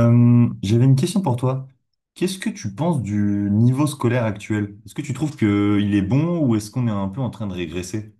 J'avais une question pour toi. Qu'est-ce que tu penses du niveau scolaire actuel? Est-ce que tu trouves qu'il est bon ou est-ce qu'on est un peu en train de régresser?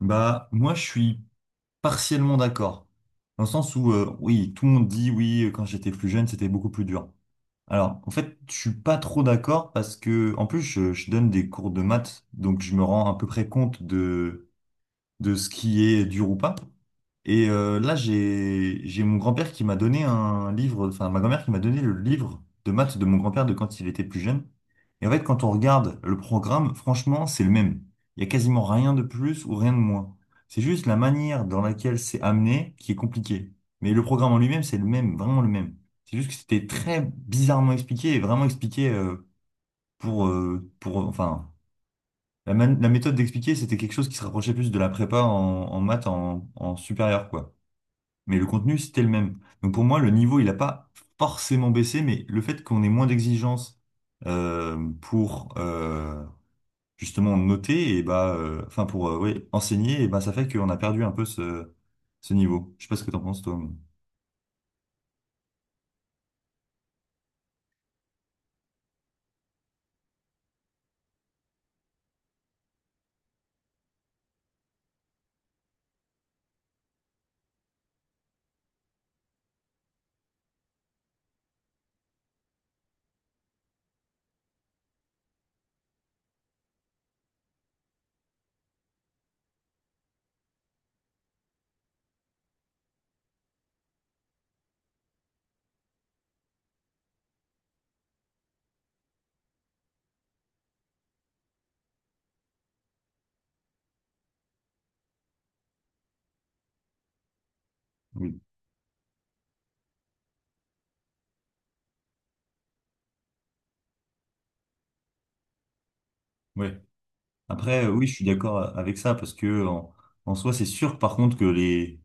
Bah, moi, je suis partiellement d'accord. Dans le sens où, oui, tout le monde dit, oui, quand j'étais plus jeune, c'était beaucoup plus dur. Alors, en fait, je suis pas trop d'accord parce que, en plus, je donne des cours de maths, donc je me rends à peu près compte de ce qui est dur ou pas. Et là, j'ai mon grand-père qui m'a donné un livre, enfin ma grand-mère qui m'a donné le livre de maths de mon grand-père de quand il était plus jeune. Et en fait, quand on regarde le programme, franchement, c'est le même. Il n'y a quasiment rien de plus ou rien de moins. C'est juste la manière dans laquelle c'est amené qui est compliquée. Mais le programme en lui-même, c'est le même, vraiment le même. C'est juste que c'était très bizarrement expliqué et vraiment expliqué. Pour, euh, pour, enfin, la la méthode d'expliquer, c'était quelque chose qui se rapprochait plus de la prépa en maths en supérieur, quoi. Mais le contenu, c'était le même. Donc pour moi, le niveau, il n'a pas forcément baissé, mais le fait qu'on ait moins d'exigences pour justement noter, et bah, enfin pour ouais, enseigner, et bah, ça fait qu'on a perdu un peu ce niveau. Je sais pas ce que t'en penses, toi. Oui. Ouais. Après, oui, je suis d'accord avec ça, parce que en soi, c'est sûr, par contre, que les.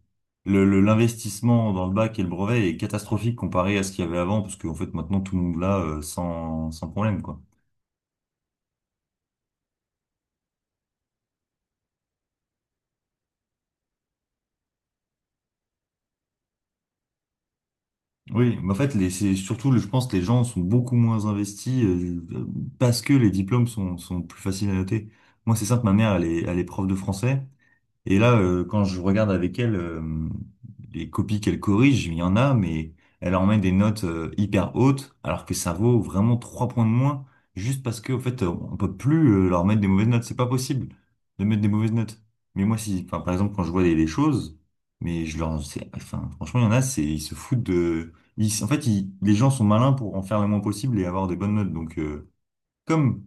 L'investissement dans le bac et le brevet est catastrophique comparé à ce qu'il y avait avant, parce qu'en fait maintenant tout le monde l'a sans problème, quoi. Oui, mais en fait, les, c'est surtout, le- je pense que les gens sont beaucoup moins investis parce que les diplômes sont plus faciles à noter. Moi, c'est simple, ma mère, elle est prof de français. Et là, quand je regarde avec elle les copies qu'elle corrige, il y en a, mais elle en met des notes hyper hautes, alors que ça vaut vraiment trois points de moins, juste parce que, en fait, on peut plus leur mettre des mauvaises notes. C'est pas possible de mettre des mauvaises notes. Mais moi, si, enfin, par exemple, quand je vois des choses, enfin, franchement, il y en a, c'est, ils se foutent de, ils- en fait, ils- les gens sont malins pour en faire le moins possible et avoir des bonnes notes. Donc, comme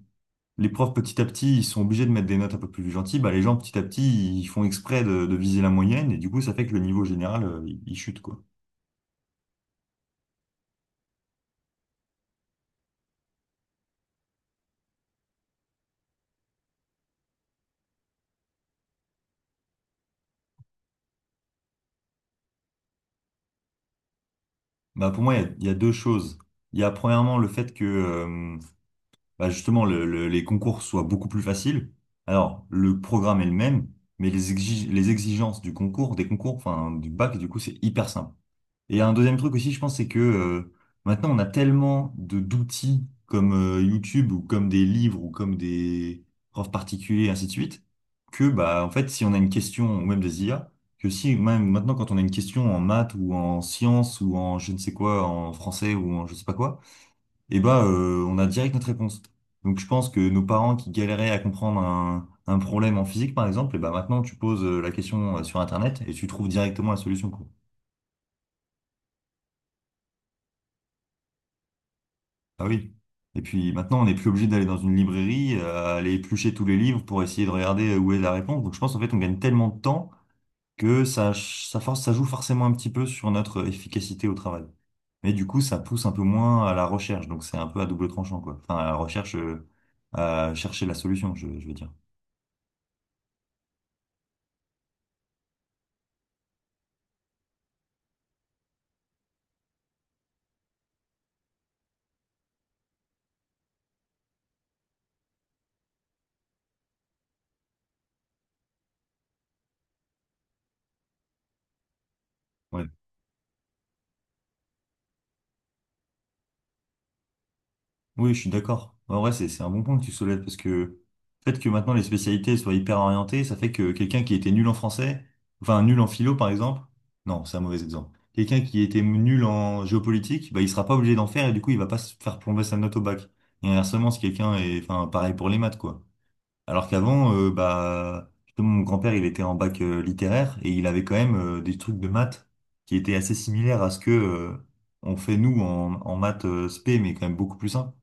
les profs petit à petit, ils sont obligés de mettre des notes un peu plus gentilles. Bah, les gens petit à petit, ils font exprès de viser la moyenne et du coup, ça fait que le niveau général, il chute quoi. Bah, pour moi, il y a deux choses. Il y a premièrement le fait que bah, justement les concours soient beaucoup plus faciles. Alors, le programme est le même, mais les exigences du concours, des concours, enfin du bac, du coup, c'est hyper simple. Et un deuxième truc aussi, je pense, c'est que maintenant, on a tellement de d'outils comme YouTube ou comme des livres ou comme des profs particuliers, ainsi de suite, que bah en fait, si on a une question ou même des IA, que si même maintenant, quand on a une question en maths ou en sciences ou en je ne sais quoi, en français ou en je sais pas quoi, et bah on a direct notre réponse. Donc je pense que nos parents qui galéraient à comprendre un problème en physique, par exemple, et bah maintenant, tu poses la question sur Internet et tu trouves directement la solution, quoi. Ah oui. Et puis maintenant, on n'est plus obligé d'aller dans une librairie, aller éplucher tous les livres pour essayer de regarder où est la réponse. Donc je pense en fait on gagne tellement de temps que ça, ch- ça, force, ça joue forcément un petit peu sur notre efficacité au travail. Mais du coup, ça pousse un peu moins à la recherche. Donc c'est un peu à double tranchant, quoi. Enfin, à la recherche, à chercher la solution, je veux dire. On Oui, je suis d'accord. En vrai, c'est un bon point que tu soulèves parce que le fait que maintenant les spécialités soient hyper orientées, ça fait que quelqu'un qui était nul en français, enfin nul en philo par exemple, non, c'est un mauvais exemple. Quelqu'un qui était nul en géopolitique, bah, il sera pas obligé d'en faire et du coup, il va pas se faire plomber sa note au bac. Et inversement, si quelqu'un est, enfin, pareil pour les maths, quoi. Alors qu'avant, bah, justement, mon grand-père, il était en bac littéraire et il avait quand même des trucs de maths qui étaient assez similaires à ce que on fait nous en maths spé, mais quand même beaucoup plus simple.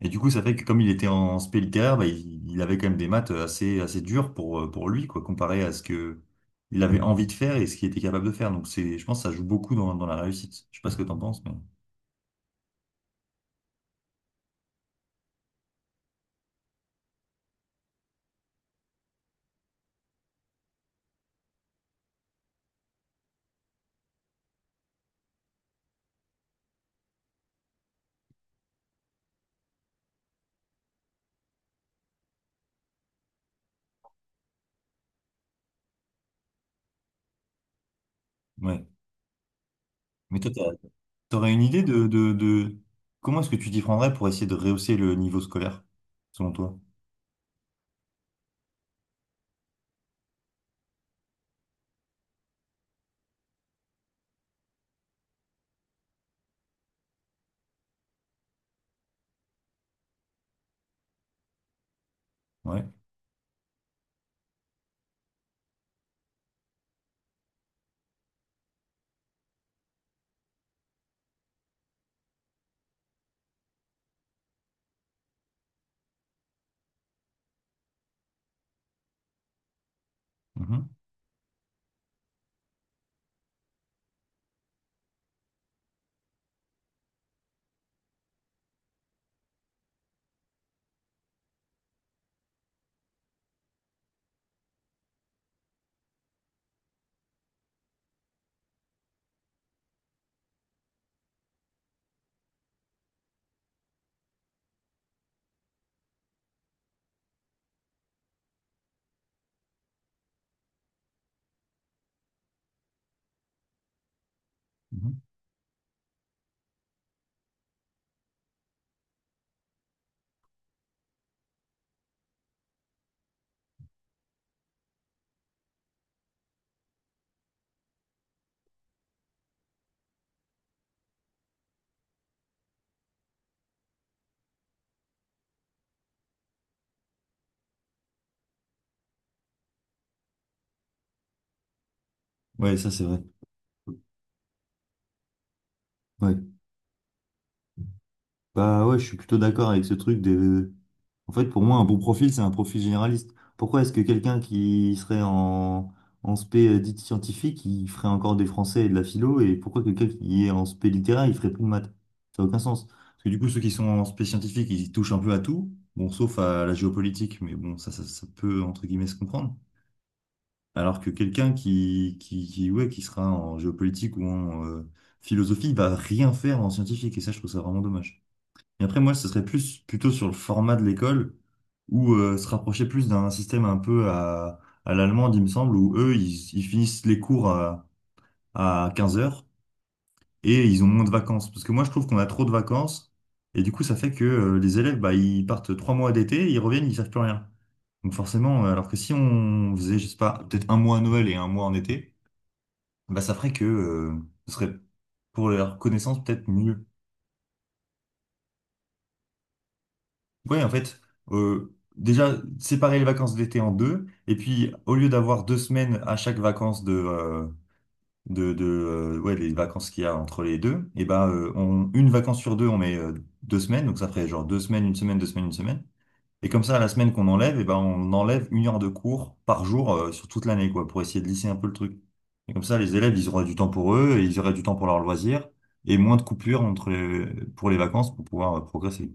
Et du coup, ça fait que comme il était en spé littéraire, bah, il avait quand même des maths assez dures pour lui, quoi, comparé à ce que il avait envie de faire et ce qu'il était capable de faire. Donc c'est, je pense, que ça joue beaucoup dans la réussite. Je sais pas ce que t'en penses, mais ouais. Mais toi, t'aurais une idée de comment est-ce que tu t'y prendrais pour essayer de rehausser le niveau scolaire, selon toi? Ouais. Mhm. Mhm. Ouais, ça c'est vrai. Ouais. Bah ouais, je suis plutôt d'accord avec ce truc des En fait, pour moi, un bon profil, c'est un profil généraliste. Pourquoi est-ce que quelqu'un qui serait en spé dite scientifique, il ferait encore des français et de la philo, et pourquoi quelqu'un qui est en spé littéraire, il ferait plus de maths? Ça n'a aucun sens. Parce que du coup, ceux qui sont en spé scientifique, ils touchent un peu à tout, bon, sauf à la géopolitique, mais bon, ça peut, entre guillemets, se comprendre. Alors que quelqu'un qui sera en géopolitique ou en philosophie, il va rien faire en scientifique, et ça, je trouve ça vraiment dommage. Et après, moi, ce serait plus plutôt sur le format de l'école, où se rapprocher plus d'un système un peu à l'allemande, il me semble, où eux, ils finissent les cours à 15h et ils ont moins de vacances. Parce que moi, je trouve qu'on a trop de vacances, et du coup, ça fait que les élèves, bah, ils partent 3 mois d'été, ils reviennent, ils savent plus rien. Donc forcément, alors que si on faisait, je sais pas, peut-être un mois à Noël et un mois en été, bah, ça ferait que ce serait pour leur connaissance peut-être mieux. Ouais, en fait, déjà, séparer les vacances d'été en deux, et puis au lieu d'avoir 2 semaines à chaque vacances les vacances qu'il y a entre les deux, et ben, une vacance sur deux, on met deux semaines, donc ça ferait genre deux semaines, une semaine, deux semaines, une semaine. Et comme ça, la semaine qu'on enlève, et ben, on enlève une heure de cours par jour sur toute l'année, quoi, pour essayer de lisser un peu le truc. Et comme ça, les élèves, ils auraient du temps pour eux, et ils auraient du temps pour leurs loisirs, et moins de coupures pour les vacances pour pouvoir progresser.